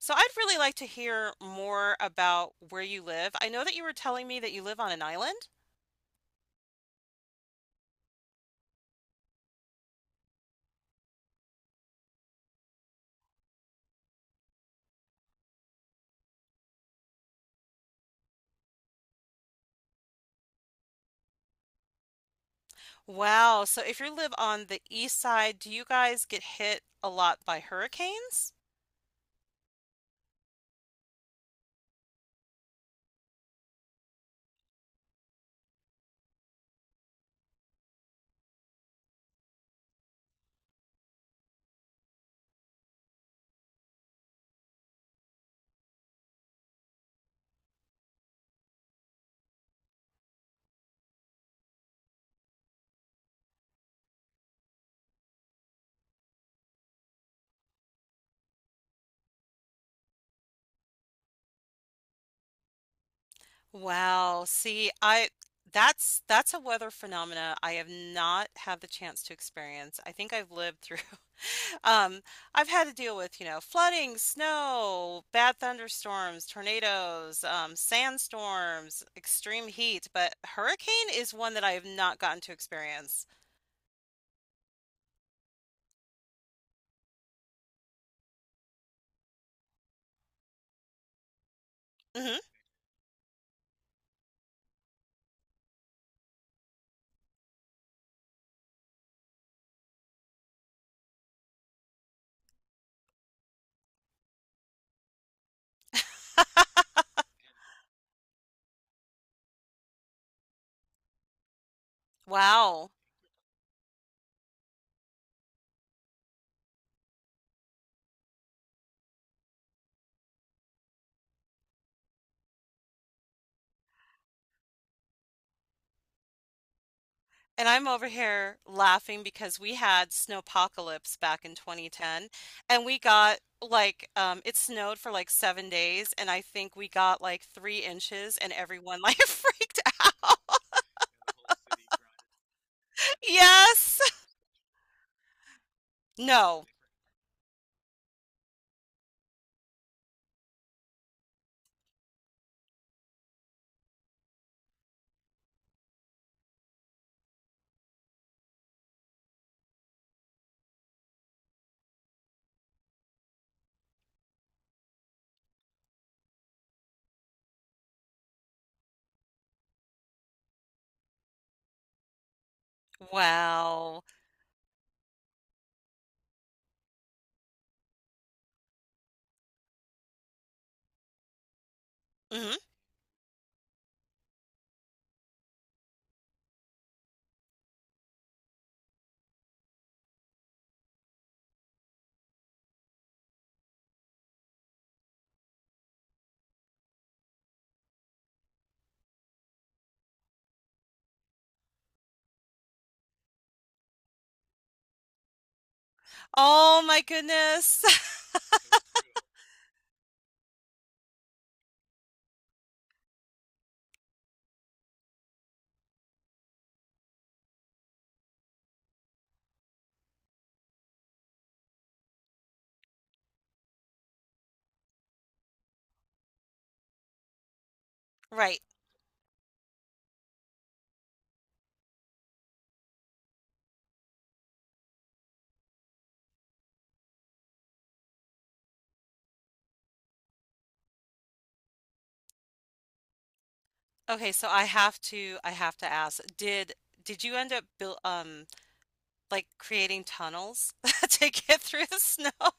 So I'd really like to hear more about where you live. I know that you were telling me that you live on an island. Wow. So if you live on the east side, do you guys get hit a lot by hurricanes? Wow. See, I that's a weather phenomena I have not had the chance to experience. I think I've lived through. Um, I've had to deal with, you know, flooding, snow, bad thunderstorms, tornadoes, sandstorms, extreme heat, but hurricane is one that I have not gotten to experience. Hmm. Wow. And I'm over here laughing because we had snowpocalypse back in 2010, and we got like it snowed for like 7 days, and I think we got like 3 inches, and everyone like freaked out. Yes. No. Wow. Oh my goodness. Right. Okay, so I have to ask, did you end up build like creating tunnels to get through the snow?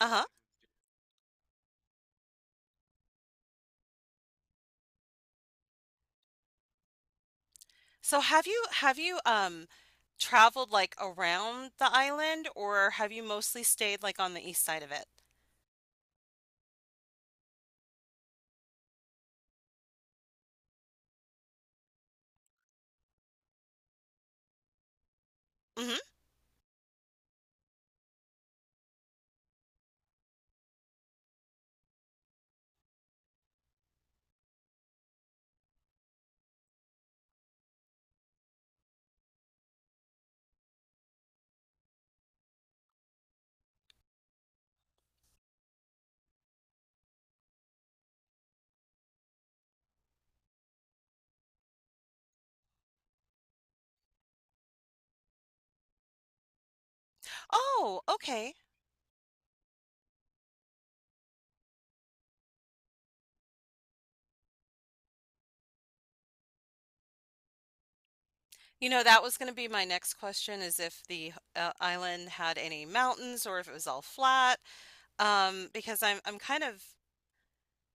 Uh-huh. So have you traveled like around the island, or have you mostly stayed like on the east side of it? Hmm. Oh, okay. You know, that was going to be my next question, is if the island had any mountains or if it was all flat. Because I'm kind of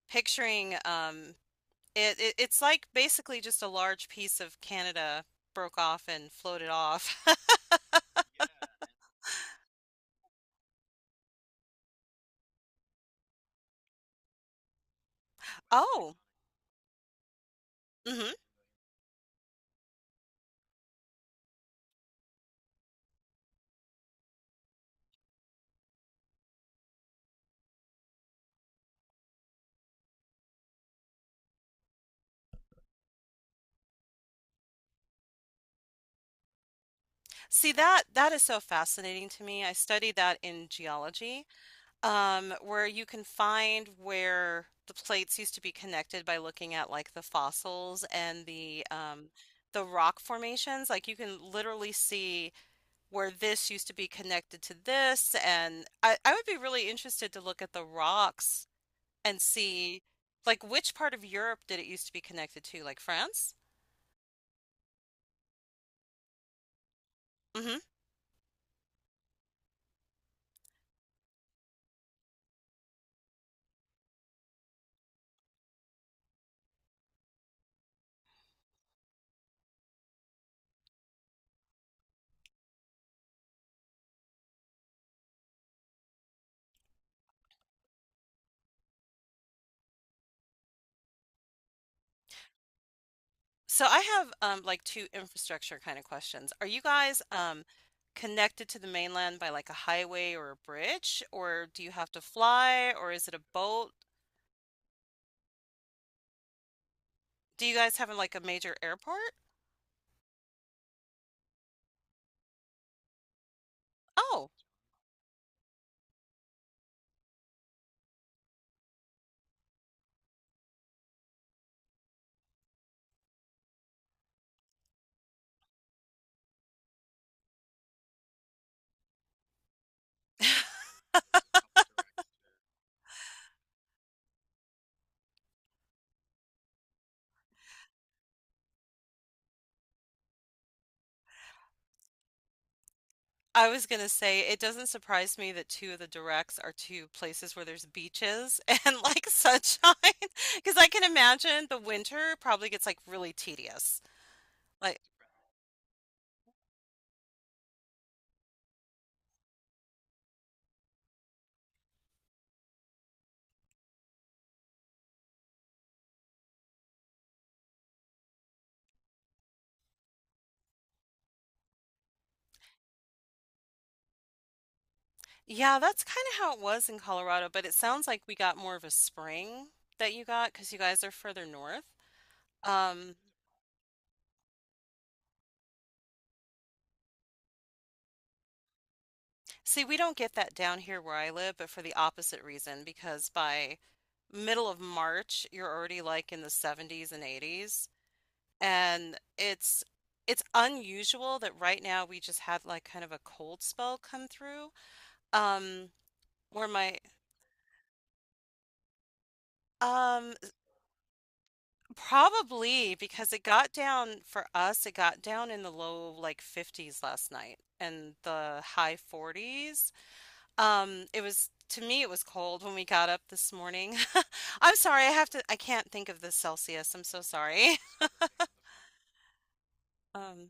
picturing. It's like basically just a large piece of Canada broke off and floated off. Oh. Hmm. See, that is so fascinating to me. I studied that in geology, where you can find where the plates used to be connected by looking at like the fossils and the rock formations. Like you can literally see where this used to be connected to this, and I would be really interested to look at the rocks and see like which part of Europe did it used to be connected to, like France? Hmm. So I have like two infrastructure kind of questions. Are you guys connected to the mainland by like a highway or a bridge, or do you have to fly, or is it a boat? Do you guys have like a major airport? Oh, I was gonna say it doesn't surprise me that two of the directs are two places where there's beaches and like sunshine, because I can imagine the winter probably gets like really tedious. Yeah, that's kinda how it was in Colorado, but it sounds like we got more of a spring that you got because you guys are further north. Um, See, we don't get that down here where I live, but for the opposite reason, because by middle of March, you're already like in the 70s and 80s. And it's unusual that right now we just had like kind of a cold spell come through. Um, where my um Probably because it got down, for us it got down in the low like 50s last night and the high 40s. It was, to me it was cold when we got up this morning. I'm sorry, I have to I can't think of the Celsius. I'm so sorry. Um,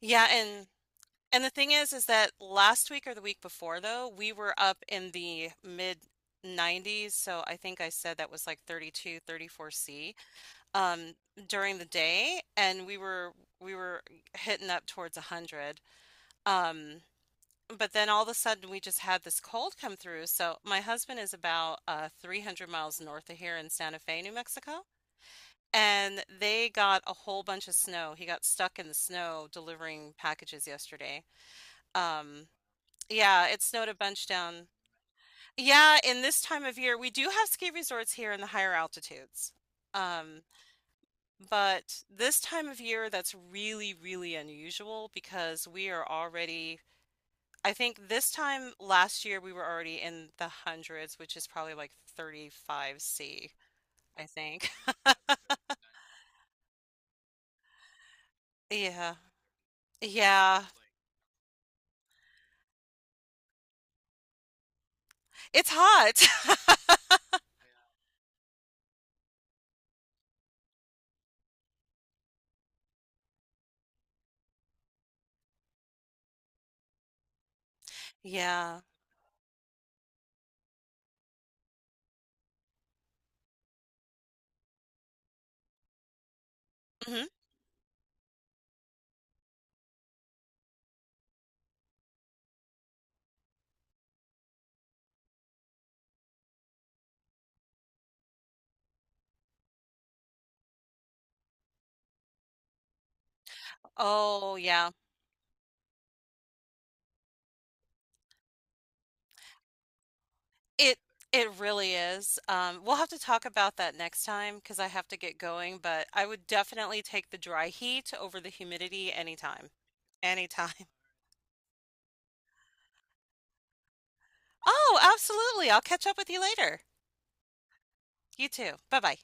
yeah, and the thing is that last week or the week before, though, we were up in the mid 90s. So I think I said that was like 32, 34°C um, during the day, and we were hitting up towards 100. Um, but then all of a sudden, we just had this cold come through. So my husband is about 300 miles north of here in Santa Fe, New Mexico. And they got a whole bunch of snow. He got stuck in the snow delivering packages yesterday. Um, yeah, it snowed a bunch down. Yeah, in this time of year, we do have ski resorts here in the higher altitudes. Um, but this time of year, that's really, really unusual because we are already, I think this time last year, we were already in the hundreds, which is probably like 35°C, I think. Yeah. Yeah. It's hot. Yeah. Hmm. Oh, yeah. It it really is. We'll have to talk about that next time because I have to get going, but I would definitely take the dry heat over the humidity anytime. Anytime. Oh, absolutely. I'll catch up with you later. You too. Bye bye.